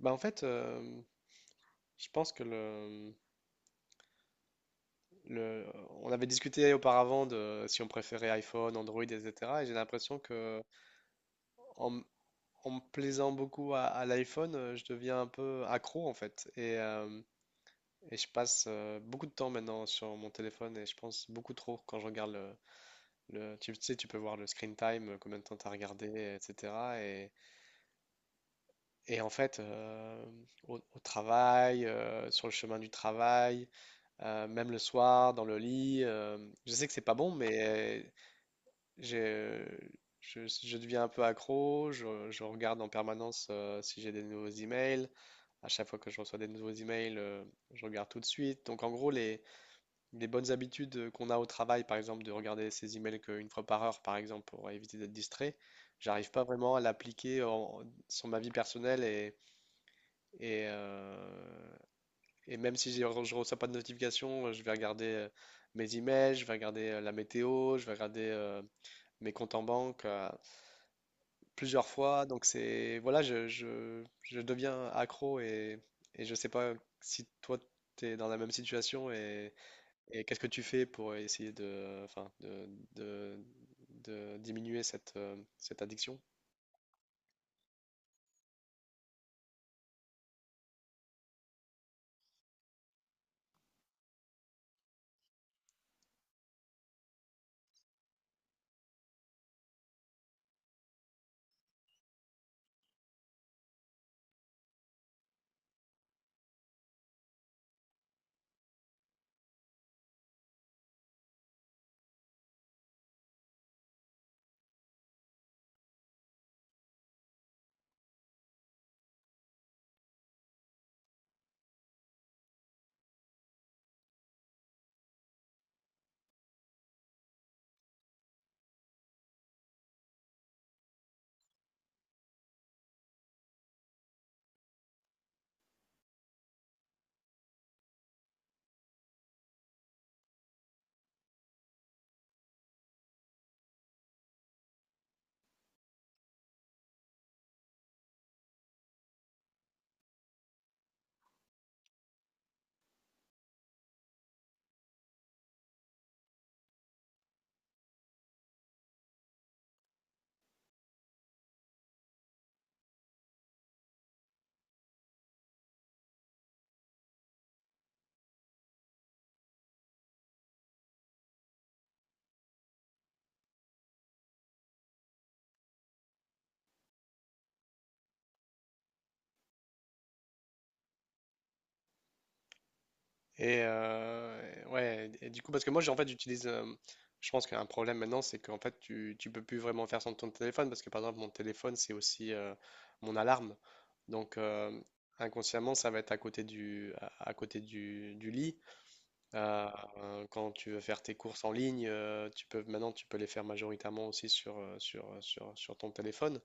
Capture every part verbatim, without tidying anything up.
Bah en fait, euh, je pense que le, le, on avait discuté auparavant de si on préférait iPhone, Android, et cetera. Et j'ai l'impression que en, en me plaisant beaucoup à, à l'iPhone, euh, je deviens un peu accro en fait. Et, euh, et je passe euh, beaucoup de temps maintenant sur mon téléphone et je pense beaucoup trop quand je regarde le, le- tu sais, tu peux voir le screen time, euh, combien de temps t'as regardé, et cetera. Et, et en fait, euh, au, au travail, euh, sur le chemin du travail, euh, même le soir, dans le lit. Euh, je sais que c'est pas bon, mais euh, j'ai- je, je deviens un peu accro. Je, je regarde en permanence euh, si j'ai des nouveaux emails. À chaque fois que je reçois des nouveaux emails, euh, je regarde tout de suite. Donc, en gros, les, les bonnes habitudes qu'on a au travail, par exemple, de regarder ses emails qu'une fois par heure, par exemple, pour éviter d'être distrait, j'arrive pas vraiment à l'appliquer en- sur ma vie personnelle et, et, euh, et même si j'ai je reçois pas de notification, euh, je vais regarder euh, mes emails, je vais regarder euh, la météo, je vais regarder euh, mes comptes en banque euh, plusieurs fois. Donc c'est voilà, je, je- je deviens accro et, et je sais pas si toi tu es dans la même situation et, et qu'est-ce que tu fais pour essayer de, enfin, de, de- de diminuer cette, euh, cette addiction? Et euh, ouais, et du coup, parce que moi, j'ai- en fait, j'utilise. Euh, je pense qu'un problème maintenant, c'est qu'en fait, tu, tu peux plus vraiment faire sans ton téléphone, parce que par exemple, mon téléphone, c'est aussi euh, mon alarme. Donc, euh, inconsciemment, ça va être à côté du, à, à côté du, du lit. Euh, euh, Quand tu veux faire tes courses en ligne, euh, tu peux, maintenant, tu peux les faire majoritairement aussi sur, euh, sur, sur, sur ton téléphone.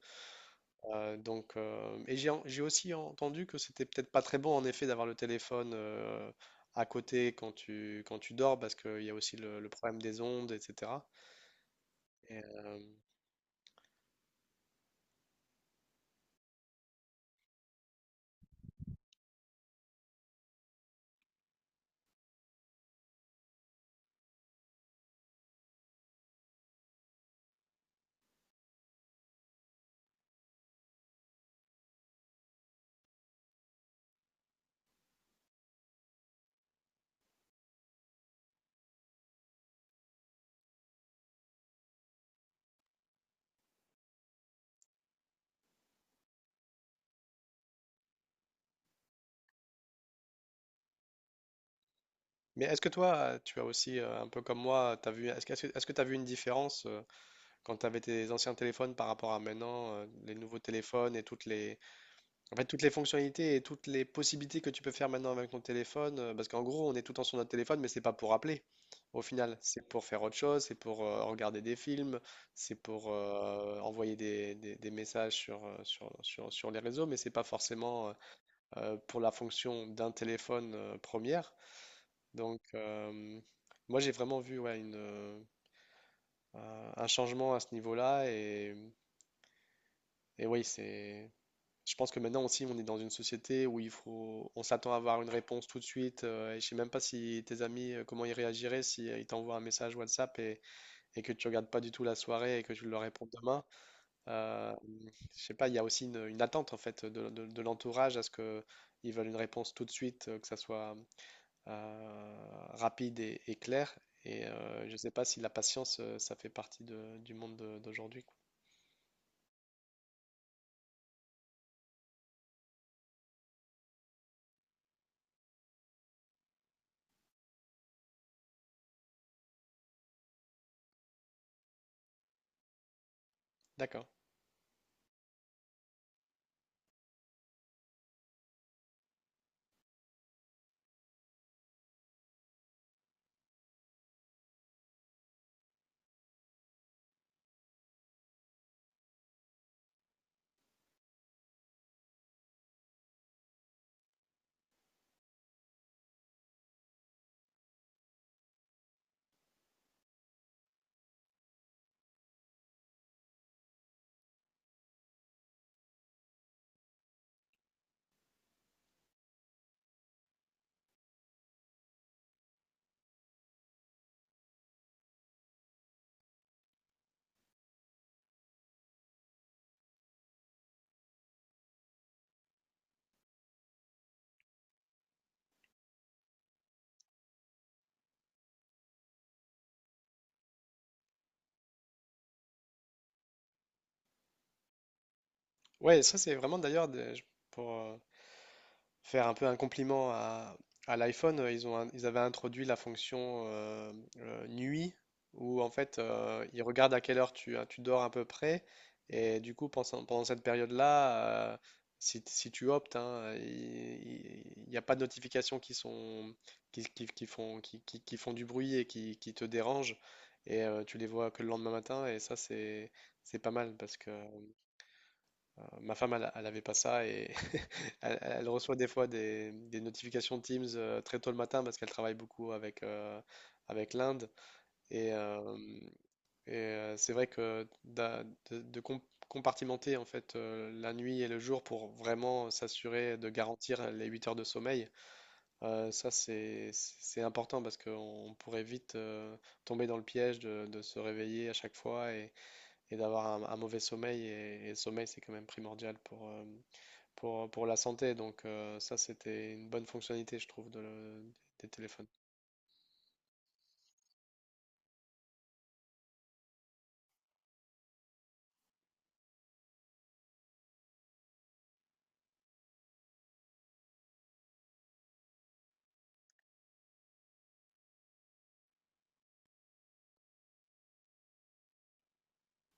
Euh, donc, euh, et j'ai en- j'ai aussi entendu que c'était peut-être pas très bon en effet d'avoir le téléphone euh, à côté quand tu, quand tu dors parce qu'il y a aussi le, le problème des ondes, et cetera. Et, euh, mais est-ce que toi, tu as aussi euh, un peu comme moi, t'as vu, est-ce que, est-ce que tu as vu une différence euh, quand tu avais tes anciens téléphones par rapport à maintenant, euh, les nouveaux téléphones et toutes les, en fait, toutes les fonctionnalités et toutes les possibilités que tu peux faire maintenant avec ton téléphone, euh, parce qu'en gros, on est tout le temps sur notre téléphone, mais c'est pas pour appeler. Au final, c'est pour faire autre chose, c'est pour euh, regarder des films, c'est pour euh, envoyer des, des- des messages sur, euh, sur, sur- sur les réseaux, mais c'est pas forcément euh, euh, pour la fonction d'un téléphone euh, première. Donc, euh, Moi, j'ai vraiment vu, ouais, une, euh, un un changement à ce niveau-là, et, et oui, c'est. Je pense que maintenant aussi, on est dans une société où il faut, on s'attend à avoir une réponse tout de suite. Euh, et je sais même pas si tes amis, euh, comment ils réagiraient si euh, ils t'envoient un message WhatsApp et, et que tu regardes pas du tout la soirée et que tu leur réponds demain. Euh, je sais pas, il y a aussi une, une attente en fait de, de- de l'entourage à ce que ils veulent une réponse tout de suite, euh, que ça soit euh, rapide et, et clair. Et euh, je sais pas si la patience, euh, ça fait partie de- du monde de- d'aujourd'hui, quoi. D'accord. Ouais, ça c'est vraiment d'ailleurs des- je- pour euh, faire un peu un compliment à, à l'iPhone, euh, ils ont, un- ils avaient introduit la fonction euh, euh, nuit où en fait euh, ils regardent à quelle heure tu, euh, tu dors à peu près et du coup pendant, pendant cette période-là, euh, si, si tu optes, hein, il n'y a pas de notifications qui sont qui, qui- qui font qui, qui- qui font du bruit et qui, qui te dérangent et euh, tu les vois que le lendemain matin et ça c'est c'est pas mal parce que ma femme, elle, elle avait pas ça, et elle, elle reçoit des fois des, des notifications Teams euh, très tôt le matin parce qu'elle travaille beaucoup avec, euh, avec l'Inde. Et, euh, et, euh, c'est vrai que d'a- de, de com- compartimenter en fait euh, la nuit et le jour pour vraiment s'assurer de garantir les huit heures de sommeil, euh, ça c'est c'est- c'est important parce qu'on pourrait vite euh, tomber dans le piège de, de se réveiller à chaque fois et, et d'avoir un, un mauvais sommeil. Et, et le sommeil, c'est quand même primordial pour, euh, pour, pour la santé. Donc euh, ça, c'était une bonne fonctionnalité, je trouve, de le- des téléphones.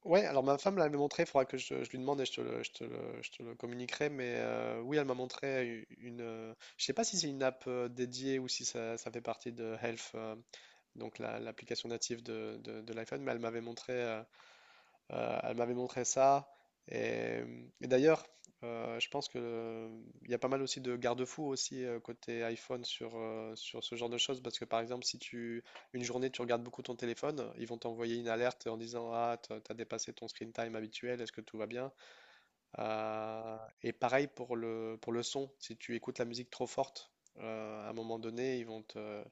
Ouais, alors ma femme l'avait montré, il faudra que je, je lui demande et je te le, je te le- je te le communiquerai. Mais euh, oui, elle m'a montré u- une... euh, je sais pas si c'est une app euh, dédiée ou si ça, ça fait partie de Health, euh, donc la- l'application native de, de- de l'iPhone, mais elle m'avait montré, euh, Euh, elle m'avait montré ça. Et, et d'ailleurs, euh, je pense que euh, il y a pas mal aussi de garde-fous aussi euh, côté iPhone sur, euh, sur ce genre de choses. Parce que par exemple, si tu une journée tu regardes beaucoup ton téléphone, ils vont t'envoyer une alerte en disant: ah, t'as t'as dépassé ton screen time habituel, est-ce que tout va bien? Euh, et pareil pour le, pour le son, si tu écoutes la musique trop forte, euh, à un moment donné, ils vont te,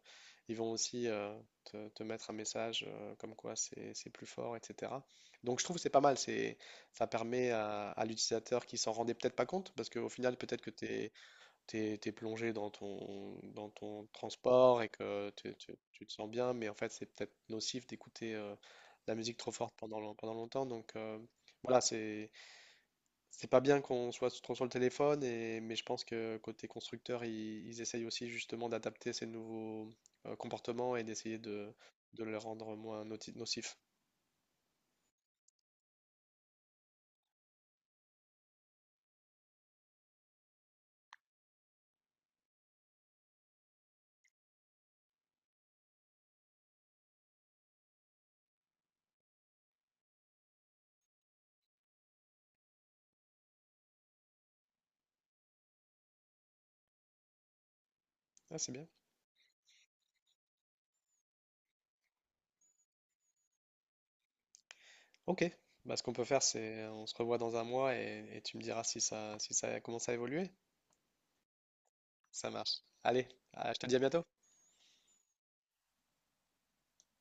ils vont aussi euh, te, te mettre un message euh, comme quoi c'est c'est plus fort, et cetera. Donc je trouve que c'est pas mal, c'est, ça permet à, à l'utilisateur qui s'en rendait peut-être pas compte, parce qu'au final, peut-être que tu es, t'es, t'es- t'es plongé dans ton, dans ton transport et que tu, tu- tu te sens bien, mais en fait, c'est peut-être nocif d'écouter euh, la musique trop forte pendant, long- pendant longtemps. Donc euh, voilà, c'est c'est pas bien qu'on soit trop sur le téléphone, et, mais je pense que côté constructeur, ils, ils essayent aussi justement d'adapter ces nouveaux euh, comportements et d'essayer de, de le rendre moins noti- nocif. Ah, c'est bien. Ok. Bah, ce qu'on peut faire, c'est euh, on se revoit dans un mois et, et tu me diras si ça, si ça commence à évoluer. Ça marche. Allez, ah, je te dis à bientôt.